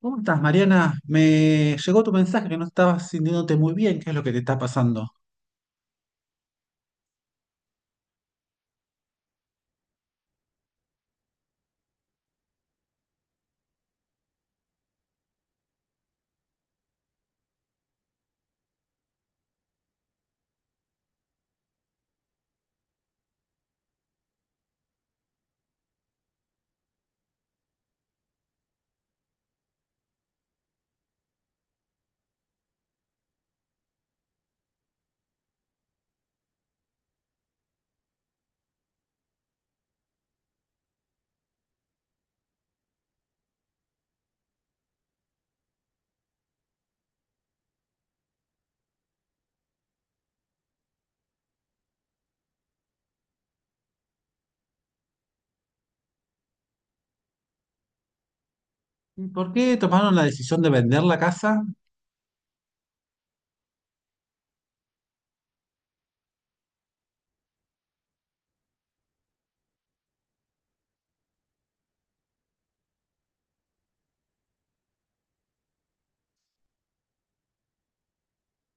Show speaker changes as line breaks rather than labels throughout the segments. ¿Cómo estás, Mariana? Me llegó tu mensaje que no estabas sintiéndote muy bien. ¿Qué es lo que te está pasando? ¿Y por qué tomaron la decisión de vender la casa?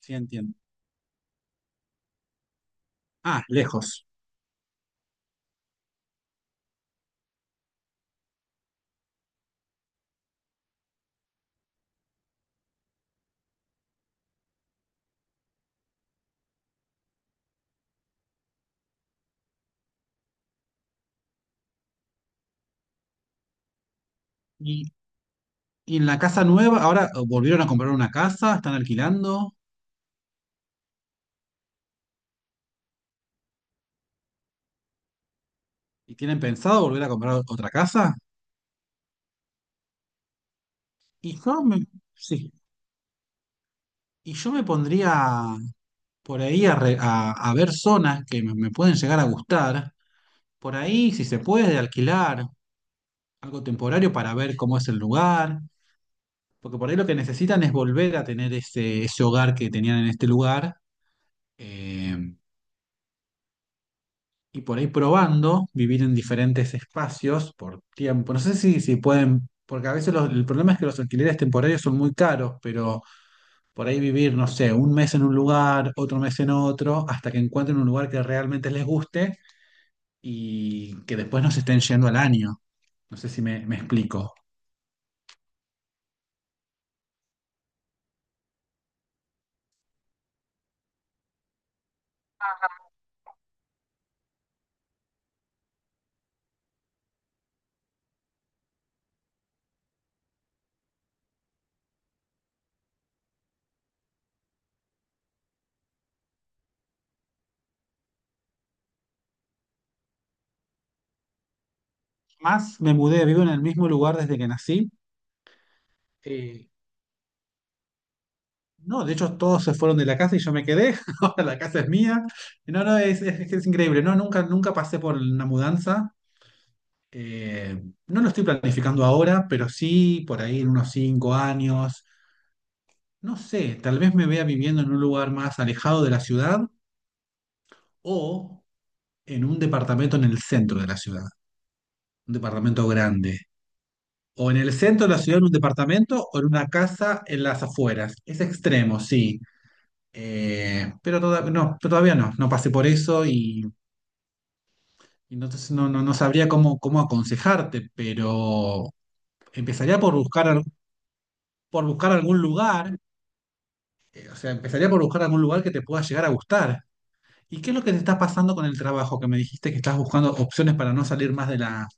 Sí, entiendo. Ah, lejos. ¿Y, y en la casa nueva, ahora volvieron a comprar una casa? ¿Están alquilando? ¿Y tienen pensado volver a comprar otra casa? Y yo me, sí. Y yo me pondría por ahí a, a ver zonas que me pueden llegar a gustar. Por ahí, si se puede, alquilar algo temporario para ver cómo es el lugar. Porque por ahí lo que necesitan es volver a tener ese hogar que tenían en este lugar. eh, y por ahí probando, vivir en diferentes espacios por tiempo. No sé si pueden, porque a veces el problema es que los alquileres temporarios son muy caros, pero por ahí vivir, no sé, un mes en un lugar, otro mes en otro, hasta que encuentren un lugar que realmente les guste y que después no se estén yendo al año. No sé si me explico. Más me mudé, vivo en el mismo lugar desde que nací. eh, No, de hecho todos se fueron de la casa y yo me quedé, ahora la casa es mía. No, no, es increíble, no, nunca pasé por una mudanza. No lo estoy planificando ahora, pero sí por ahí en unos 5 años. No sé, tal vez me vea viviendo en un lugar más alejado de la ciudad o en un departamento en el centro de la ciudad, un departamento grande. O en el centro de la ciudad en un departamento o en una casa en las afueras. Es extremo, sí. Pero, no, pero todavía no pasé por eso y entonces no sabría cómo aconsejarte, pero empezaría por buscar, al- por buscar algún lugar, o sea, empezaría por buscar algún lugar que te pueda llegar a gustar. ¿Y qué es lo que te está pasando con el trabajo? Que me dijiste que estás buscando opciones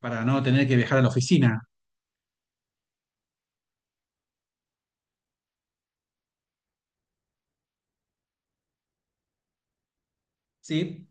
para no tener que viajar a la oficina, ¿sí?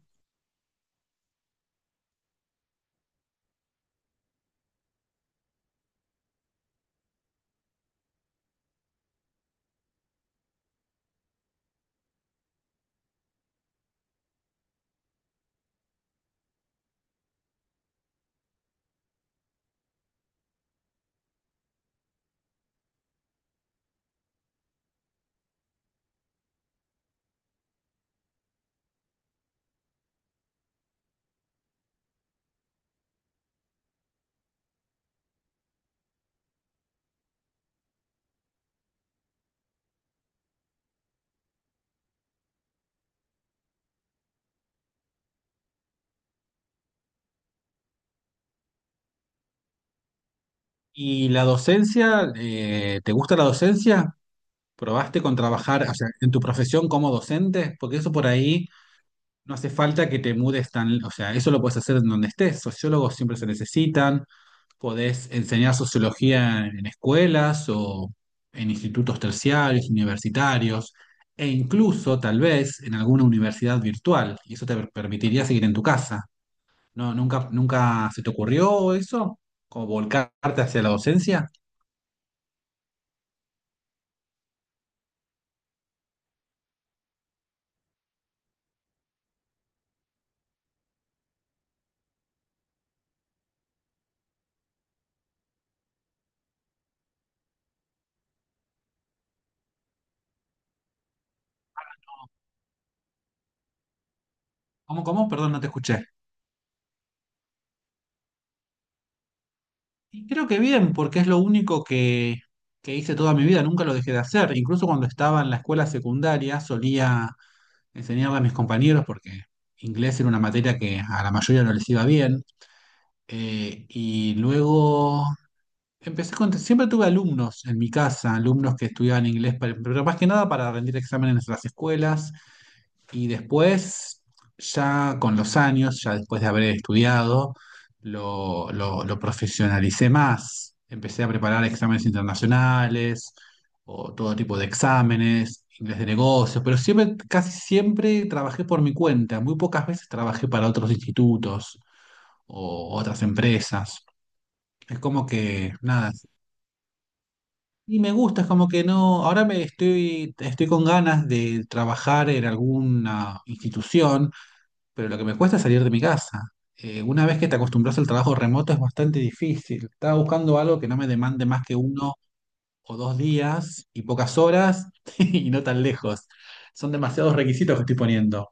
¿Y la docencia, te gusta la docencia? ¿Probaste con trabajar, o sea, en tu profesión como docente? Porque eso por ahí. No hace falta que te mudes tan, o sea, eso lo puedes hacer en donde estés. Sociólogos siempre se necesitan, podés enseñar sociología en escuelas o en institutos terciarios, universitarios, e incluso tal vez en alguna universidad virtual, y eso te permitiría seguir en tu casa. No, nunca se te ocurrió eso, como volcarte hacia la docencia. ¿Cómo, cómo? Perdón, no te escuché. Y creo que bien, porque es lo único que hice toda mi vida, nunca lo dejé de hacer. Incluso cuando estaba en la escuela secundaria solía enseñarle a mis compañeros, porque inglés era una materia que a la mayoría no les iba bien. Y luego empecé con... Siempre tuve alumnos en mi casa, alumnos que estudiaban inglés, pero más que nada para rendir exámenes en las escuelas. Y después, ya con los años, ya después de haber estudiado, lo profesionalicé más. Empecé a preparar exámenes internacionales o todo tipo de exámenes, inglés de negocios, pero siempre, casi siempre trabajé por mi cuenta. Muy pocas veces trabajé para otros institutos o otras empresas. Es como que, nada. Y me gusta, es como que no, ahora me estoy con ganas de trabajar en alguna institución, pero lo que me cuesta es salir de mi casa. Una vez que te acostumbras al trabajo remoto es bastante difícil. Estaba buscando algo que no me demande más que uno o dos días y pocas horas y no tan lejos. Son demasiados requisitos que estoy poniendo,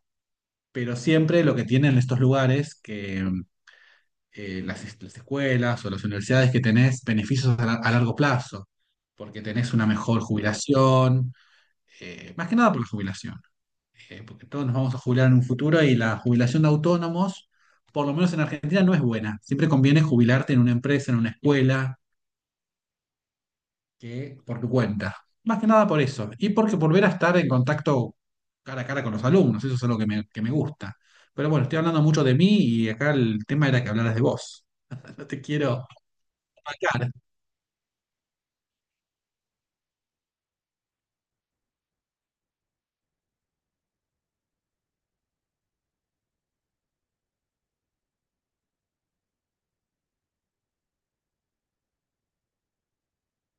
pero siempre lo que tienen estos lugares, que las escuelas o las universidades, que tenés beneficios a largo plazo, porque tenés una mejor jubilación. Más que nada por la jubilación. Porque todos nos vamos a jubilar en un futuro y la jubilación de autónomos, por lo menos en Argentina, no es buena. Siempre conviene jubilarte en una empresa, en una escuela, que por tu cuenta. Más que nada por eso. Y porque volver a estar en contacto cara a cara con los alumnos, eso es algo que me gusta. Pero bueno, estoy hablando mucho de mí y acá el tema era que hablaras de vos. No te quiero opacar.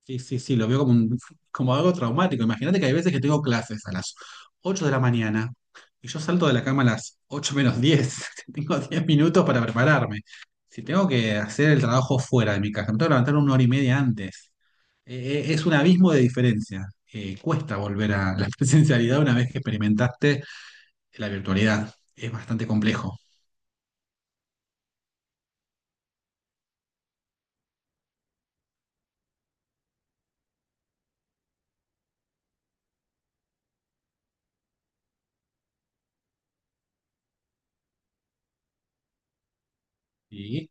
Sí, sí, sí, lo veo como, como algo traumático. Imagínate que hay veces que tengo clases a las 8 de la mañana y yo salto de la cama a las 8 menos 10. Tengo 10 minutos para prepararme. Si tengo que hacer el trabajo fuera de mi casa, me tengo que levantar una hora y media antes. Es un abismo de diferencia. Cuesta volver a la presencialidad una vez que experimentaste la virtualidad. Es bastante complejo. Y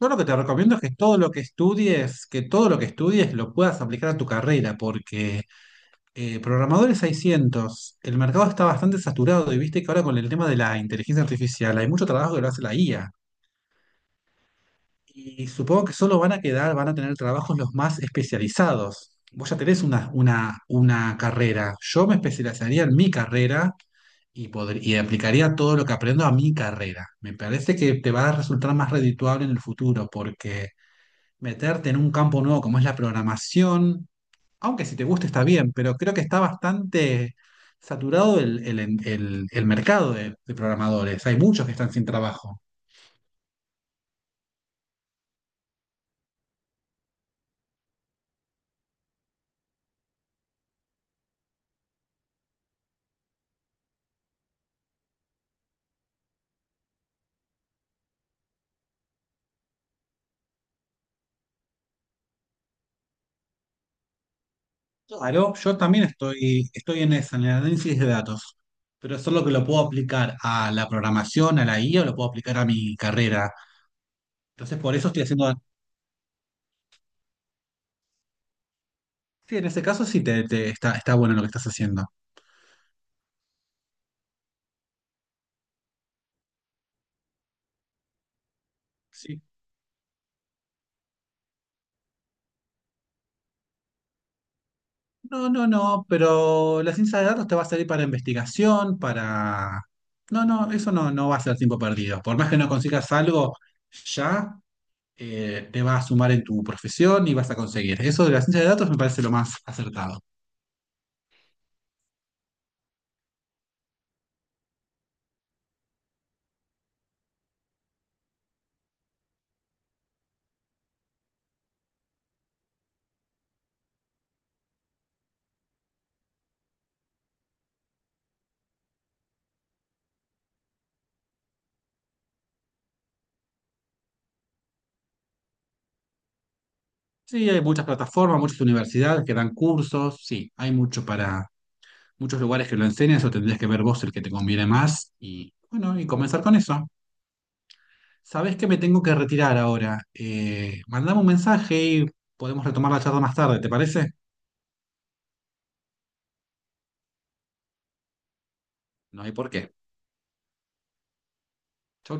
yo lo que te recomiendo es que todo lo que estudies, que todo lo que estudies lo puedas aplicar a tu carrera, porque. Programadores hay cientos. El mercado está bastante saturado y viste que ahora con el tema de la inteligencia artificial hay mucho trabajo que lo hace la IA. Y supongo que solo van a quedar, van a tener trabajos los más especializados. Vos ya tenés una carrera. Yo me especializaría en mi carrera y aplicaría todo lo que aprendo a mi carrera. Me parece que te va a resultar más redituable en el futuro, porque meterte en un campo nuevo como es la programación, aunque si te gusta está bien, pero creo que está bastante saturado el mercado de programadores. Hay muchos que están sin trabajo. Claro, yo también estoy en esa, en el análisis de datos, pero eso es lo que lo puedo aplicar a la programación, a la IA, o lo puedo aplicar a mi carrera. Entonces, por eso estoy haciendo... Sí, en ese caso sí te, está bueno lo que estás haciendo. No, no, no, pero la ciencia de datos te va a servir para investigación, para... No, no, eso no va a ser tiempo perdido. Por más que no consigas algo ya, te va a sumar en tu profesión y vas a conseguir. Eso de la ciencia de datos me parece lo más acertado. Sí, hay muchas plataformas, muchas universidades que dan cursos, sí, hay mucho para muchos lugares que lo enseñan, eso tendrías que ver vos el que te conviene más y bueno, y comenzar con eso. Sabés que me tengo que retirar ahora. Mandame un mensaje y podemos retomar la charla más tarde, ¿te parece? No hay por qué. Chau,